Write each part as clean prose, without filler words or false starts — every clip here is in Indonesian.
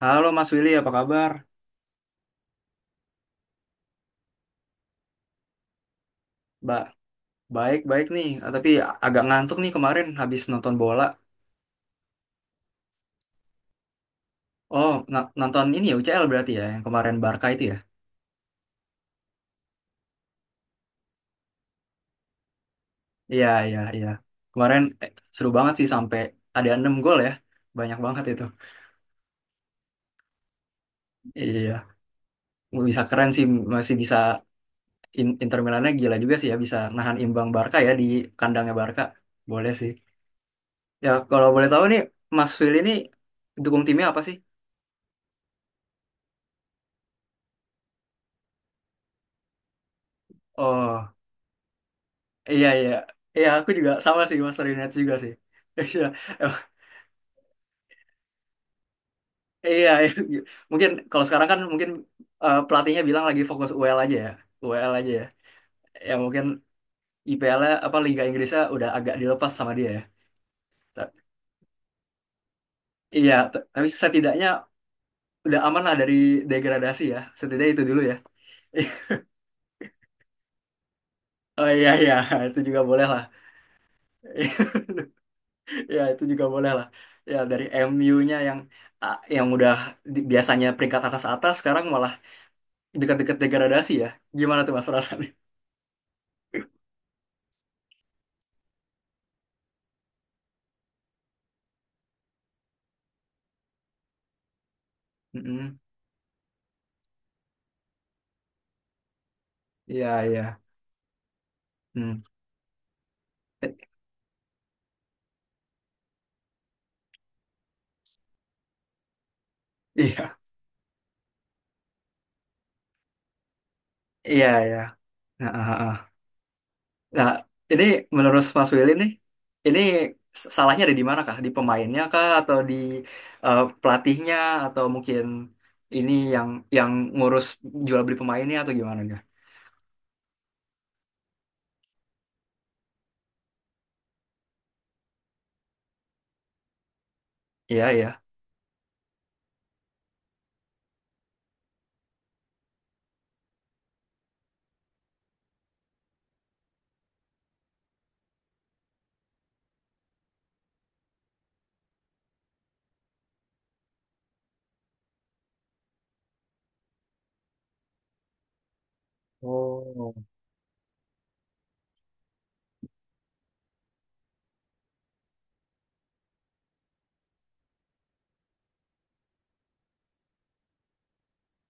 Halo Mas Willy, apa kabar? Ba Baik, baik nih. Ah, tapi agak ngantuk nih kemarin habis nonton bola. Oh, nonton ini ya UCL berarti ya, yang kemarin Barca itu ya? Iya, iya, iya. Kemarin seru banget sih sampai ada 6 gol ya. Banyak banget itu. Iya, bisa keren sih masih bisa Inter Milannya gila juga sih ya bisa nahan imbang Barca ya di kandangnya Barca. Boleh sih. Ya, kalau boleh tahu nih Mas Willy ini dukung timnya apa sih? Oh. Iya iya iya, aku juga sama sih Master United juga sih. Iya emang- iya iya. Mungkin kalau sekarang kan mungkin pelatihnya bilang lagi fokus UEL aja ya, UEL aja ya. Ya mungkin IPL-nya apa Liga Inggrisnya udah agak dilepas sama dia ya. Ta- Iya, tapi setidaknya udah aman lah dari degradasi ya, setidaknya itu dulu ya. Oh iya iya, itu juga boleh lah. Ya itu juga boleh lah. Ya dari MU-nya yang yang udah biasanya peringkat atas-atas, sekarang malah dekat-dekat degradasi ya. Gimana tuh Mas perasaannya? Mm-mm. Iya, iya. Hmm. Eh, iya, iya, iya. Nah, Nah, ini menurut Mas Willy nih, ini salahnya ada di mana kah? Di pemainnya kah atau di pelatihnya, atau mungkin ini yang ngurus jual beli pemainnya atau gimana enggak? Iya, iya. Oh.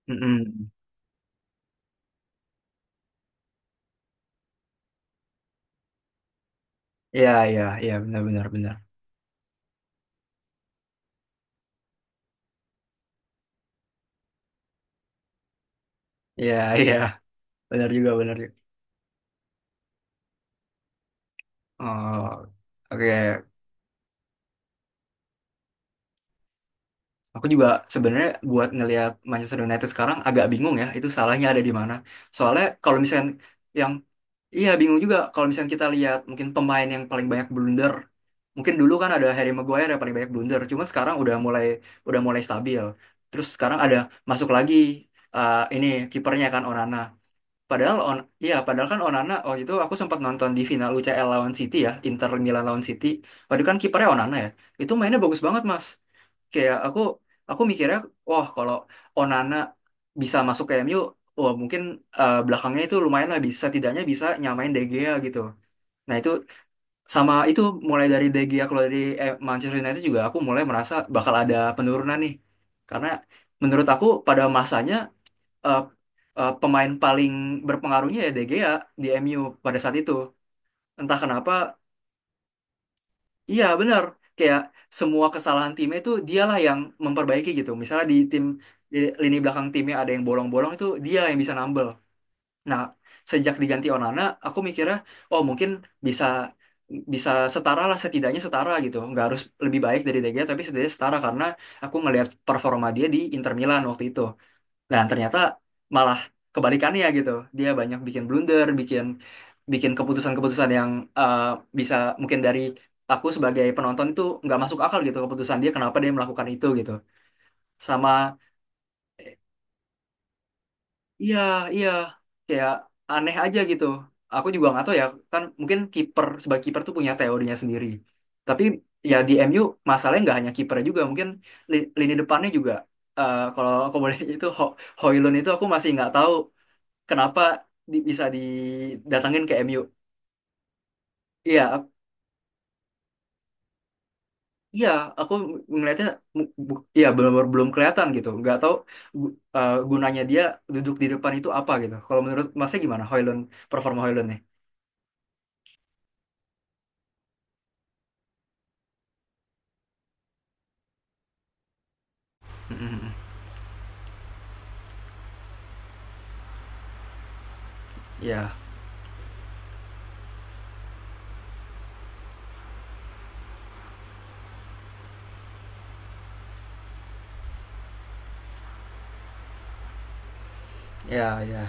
Mm-mm. Iya, iya, iya, benar benar benar. Iya, iya. Benar juga, benar juga. Oh, oke. Aku juga sebenarnya buat ngelihat Manchester United sekarang agak bingung ya, itu salahnya ada di mana. Soalnya kalau misalnya yang iya bingung juga kalau misalnya kita lihat mungkin pemain yang paling banyak blunder. Mungkin dulu kan ada Harry Maguire yang paling banyak blunder, cuma sekarang udah mulai stabil. Terus sekarang ada masuk lagi, ini kipernya kan Onana. Padahal on, ya padahal kan Onana waktu itu aku sempat nonton di final UCL lawan City ya, Inter Milan lawan City. Waktu itu kan kipernya Onana ya. Itu mainnya bagus banget, Mas. Kayak aku mikirnya, wah kalau Onana bisa masuk ke MU, wah mungkin belakangnya itu lumayan lah, bisa setidaknya bisa nyamain De Gea gitu. Nah, itu sama itu mulai dari De Gea keluar dari Manchester United, juga aku mulai merasa bakal ada penurunan nih. Karena menurut aku pada masanya eh, pemain paling berpengaruhnya ya De Gea di M U pada saat itu. Entah kenapa, iya benar. Kayak semua kesalahan timnya itu dialah yang memperbaiki gitu. Misalnya di tim di lini belakang timnya ada yang bolong-bolong, itu dia yang bisa nambel. Nah, sejak diganti Onana, aku mikirnya, oh mungkin bisa bisa setara lah, setidaknya setara gitu. Nggak harus lebih baik dari De Gea tapi setidaknya setara, karena aku ngelihat performa dia di Inter Milan waktu itu. Dan ternyata malah kebalikannya gitu. Dia banyak bikin blunder, bikin bikin keputusan-keputusan yang eh, bisa mungkin dari aku sebagai penonton itu nggak masuk akal gitu, keputusan dia kenapa dia melakukan itu gitu. Sama eh, iya iya kayak aneh aja gitu. Aku juga nggak tahu ya, kan mungkin kiper sebagai kiper tuh punya teorinya sendiri. Tapi ya di MU masalahnya nggak hanya kiper, juga mungkin lini depannya juga kalau aku boleh itu Hoylund itu aku masih nggak tahu kenapa bisa didatangin ke MU. Iya, ak- iya, aku ngelihatnya iya belum belum kelihatan gitu. Nggak tahu gunanya dia duduk di depan itu apa gitu. Kalau menurut Masnya gimana Hoylund, performa Hoylund nih? Mm-mm. Iya, iya, iya.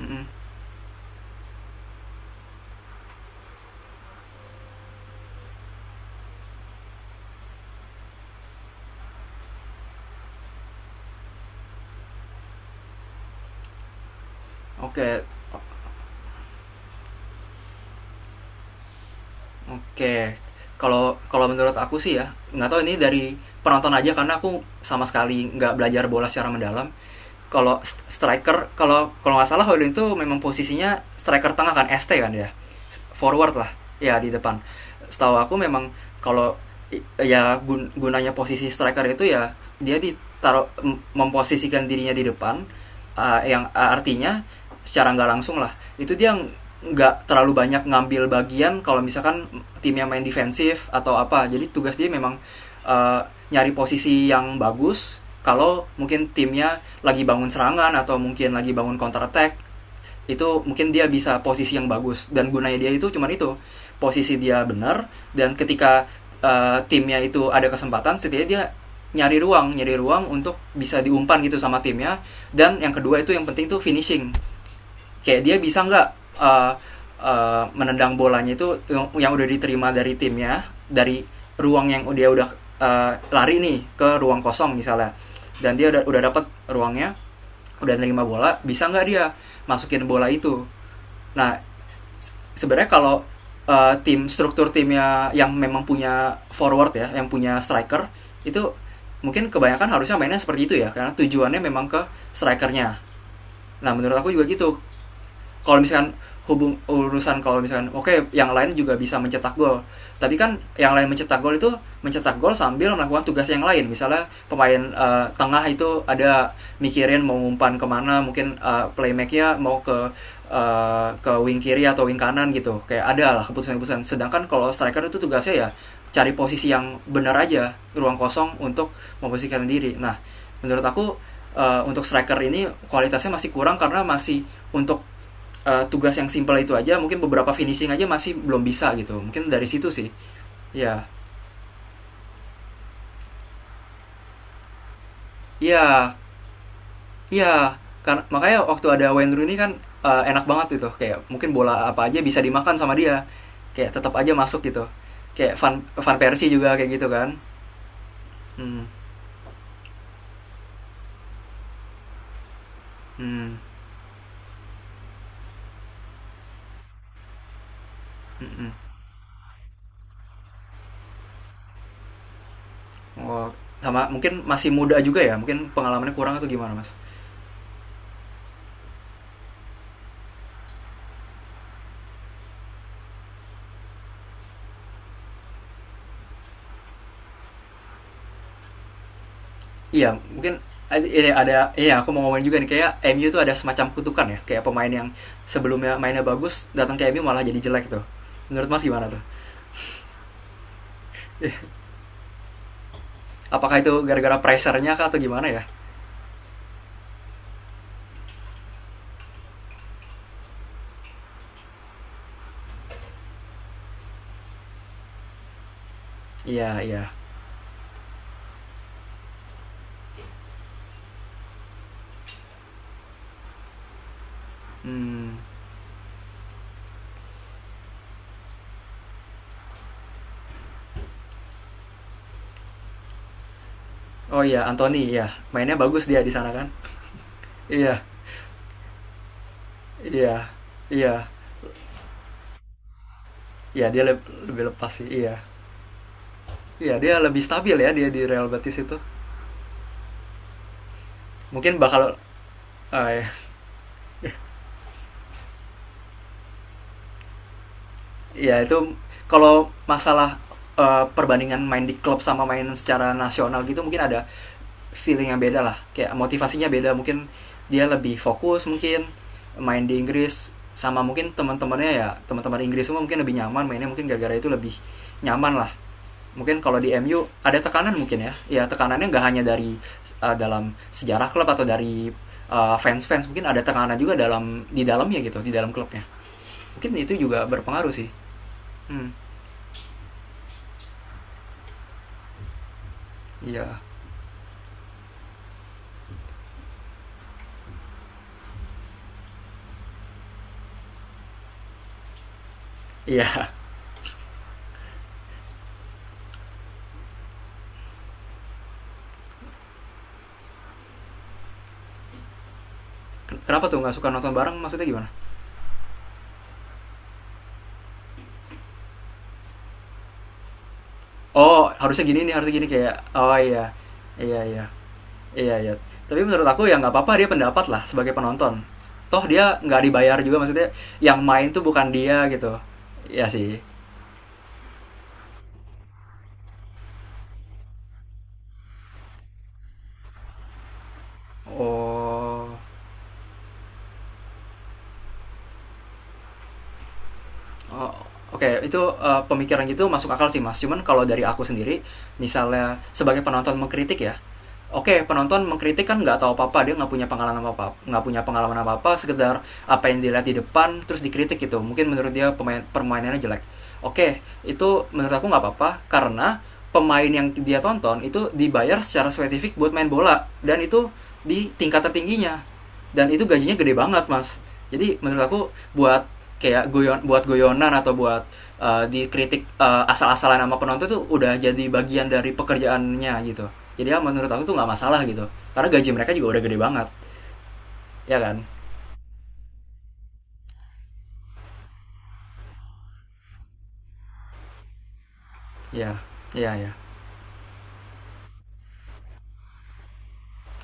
Mm-mm. Oke, oke. Kalau Kalau menurut aku sih ya, nggak tahu ini dari penonton aja karena aku sama sekali nggak belajar bola secara mendalam. Kalau striker, kalau kalau nggak salah Hoylund itu memang posisinya striker tengah kan, ST kan ya? Forward lah, ya di depan. Setahu aku memang kalau ya gunanya posisi striker itu ya dia ditaruh memposisikan dirinya di depan, yang artinya secara nggak langsung lah, itu dia nggak terlalu banyak ngambil bagian kalau misalkan timnya main defensif atau apa, jadi tugas dia memang uh, nyari posisi yang bagus kalau mungkin timnya lagi bangun serangan atau mungkin lagi bangun counter attack, itu mungkin dia bisa posisi yang bagus. Dan gunanya dia itu cuman itu, posisi dia benar, dan ketika timnya itu ada kesempatan setidaknya dia nyari ruang untuk bisa diumpan gitu sama timnya. Dan yang kedua itu yang penting itu finishing, kayak dia bisa nggak eh, menendang bolanya itu yang udah diterima dari timnya, dari ruang yang dia udah lari nih ke ruang kosong misalnya, dan dia udah dapat ruangnya, udah nerima bola, bisa nggak dia masukin bola itu. Nah, sebenarnya kalau tim struktur timnya yang memang punya forward ya, yang punya striker, itu mungkin kebanyakan harusnya mainnya seperti itu ya karena tujuannya memang ke strikernya. Nah, menurut aku juga gitu, kalau misalkan hubung urusan kalau misalkan oke okay, yang lain juga bisa mencetak gol, tapi kan yang lain mencetak gol itu mencetak gol sambil melakukan tugas yang lain. Misalnya pemain tengah itu ada mikirin mau umpan kemana, mungkin playmakernya mau ke ke wing kiri atau wing kanan gitu, kayak ada lah keputusan-keputusan. Sedangkan kalau striker itu tugasnya ya cari posisi yang benar aja, ruang kosong untuk memposisikan diri. Nah, menurut aku untuk striker ini kualitasnya masih kurang, karena masih untuk tugas yang simple itu aja, mungkin beberapa finishing aja masih belum bisa gitu. Mungkin dari situ sih. Ya ya ya, karena makanya waktu ada Wayne Rooney kan enak banget gitu, kayak mungkin bola apa aja bisa dimakan sama dia, kayak tetap aja masuk gitu. Kayak Van Van Persie juga kayak gitu kan. Hmm. Hmm, hmm, hmm. Oh, sama mungkin masih muda juga ya, mungkin pengalamannya kurang atau gimana mas. Iya, mungkin ini ada iya aku mau ngomongin juga nih, kayak MU tuh ada semacam kutukan ya, kayak pemain yang sebelumnya mainnya bagus datang ke MU malah jadi jelek tuh, menurut mas gimana tuh, apakah itu gara-gara pressernya kah atau gimana ya. Iya iya. Hmm. Oh iya Anthony iya, mainnya bagus dia di sana kan. Iya. Iya. Iya. Iya dia lebih lepas sih. Iya iya dia lebih stabil ya dia di Real Betis itu. Mungkin bakal eh, ya itu kalau masalah perbandingan main di klub sama main secara nasional gitu, mungkin ada feeling yang beda lah, kayak motivasinya beda. Mungkin dia lebih fokus mungkin main di Inggris sama mungkin teman-temannya ya teman-teman Inggris semua, mungkin lebih nyaman mainnya mungkin gara-gara itu, lebih nyaman lah. Mungkin kalau di MU ada tekanan, mungkin ya ya tekanannya nggak hanya dari dalam sejarah klub atau dari fans-fans, mungkin ada tekanan juga dalam di dalamnya gitu, di dalam klubnya. Mungkin itu juga berpengaruh sih. Hmm, iya. Iya. Kenapa tuh nggak suka nonton bareng? Maksudnya gimana? Oh, harusnya gini nih, harusnya gini kayak. Oh iya, iya iya, iya iya. Tapi menurut aku ya nggak apa-apa, dia pendapat lah sebagai penonton. Toh dia nggak dibayar juga maksudnya. Yang main tuh bukan dia gitu. Ya sih. Oh. Oh, oke, okay. Itu pemikiran gitu masuk akal sih mas. Cuman kalau dari aku sendiri, misalnya sebagai penonton mengkritik ya, oke okay, penonton mengkritik kan nggak tahu apa-apa, dia nggak punya pengalaman apa-apa, sekedar apa yang dilihat di depan terus dikritik gitu. Mungkin menurut dia pemain, permainannya jelek. Oke, okay, itu menurut aku nggak apa-apa, karena pemain yang dia tonton itu dibayar secara spesifik buat main bola, dan itu di tingkat tertingginya, dan itu gajinya gede banget mas. Jadi menurut aku buat kayak goyonan atau buat dikritik asal-asalan sama penonton tuh udah jadi bagian dari pekerjaannya gitu. Jadi ya menurut aku tuh nggak masalah gitu, karena gaji mereka juga udah gede banget, ya kan. Ya ya ya.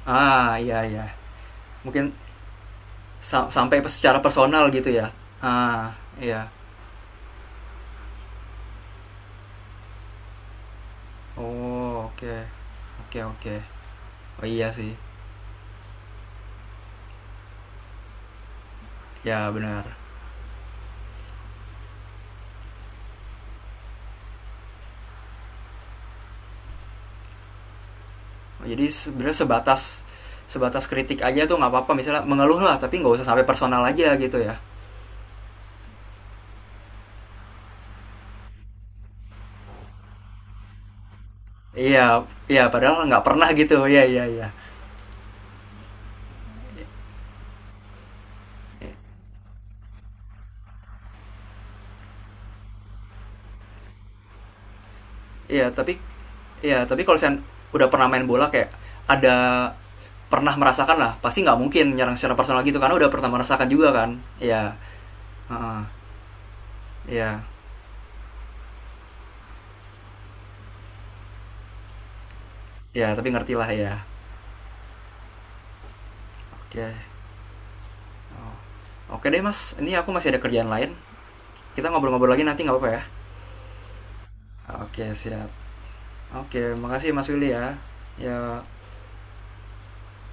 Ah iya iya, mungkin sampai secara personal gitu ya. Ah iya. Oh oke, oke oke. Oh iya sih. Ya benar. Jadi sebenarnya sebatas sebatas kritik aja tuh nggak apa-apa, misalnya mengeluh lah, tapi nggak usah sampai personal aja gitu ya. Iya iya padahal nggak pernah gitu, iya iya iya. Iya tapi, iya tapi kalau saya udah pernah main bola kayak ada pernah merasakan lah, pasti nggak mungkin nyerang secara personal gitu, karena udah pernah merasakan juga kan. Iya. Heeh, iya iya tapi ngerti lah ya. Oke. Oke deh mas, ini aku masih ada kerjaan lain, kita ngobrol-ngobrol lagi nanti nggak apa-apa ya. Oke siap. Oke makasih mas Willy ya. Ya.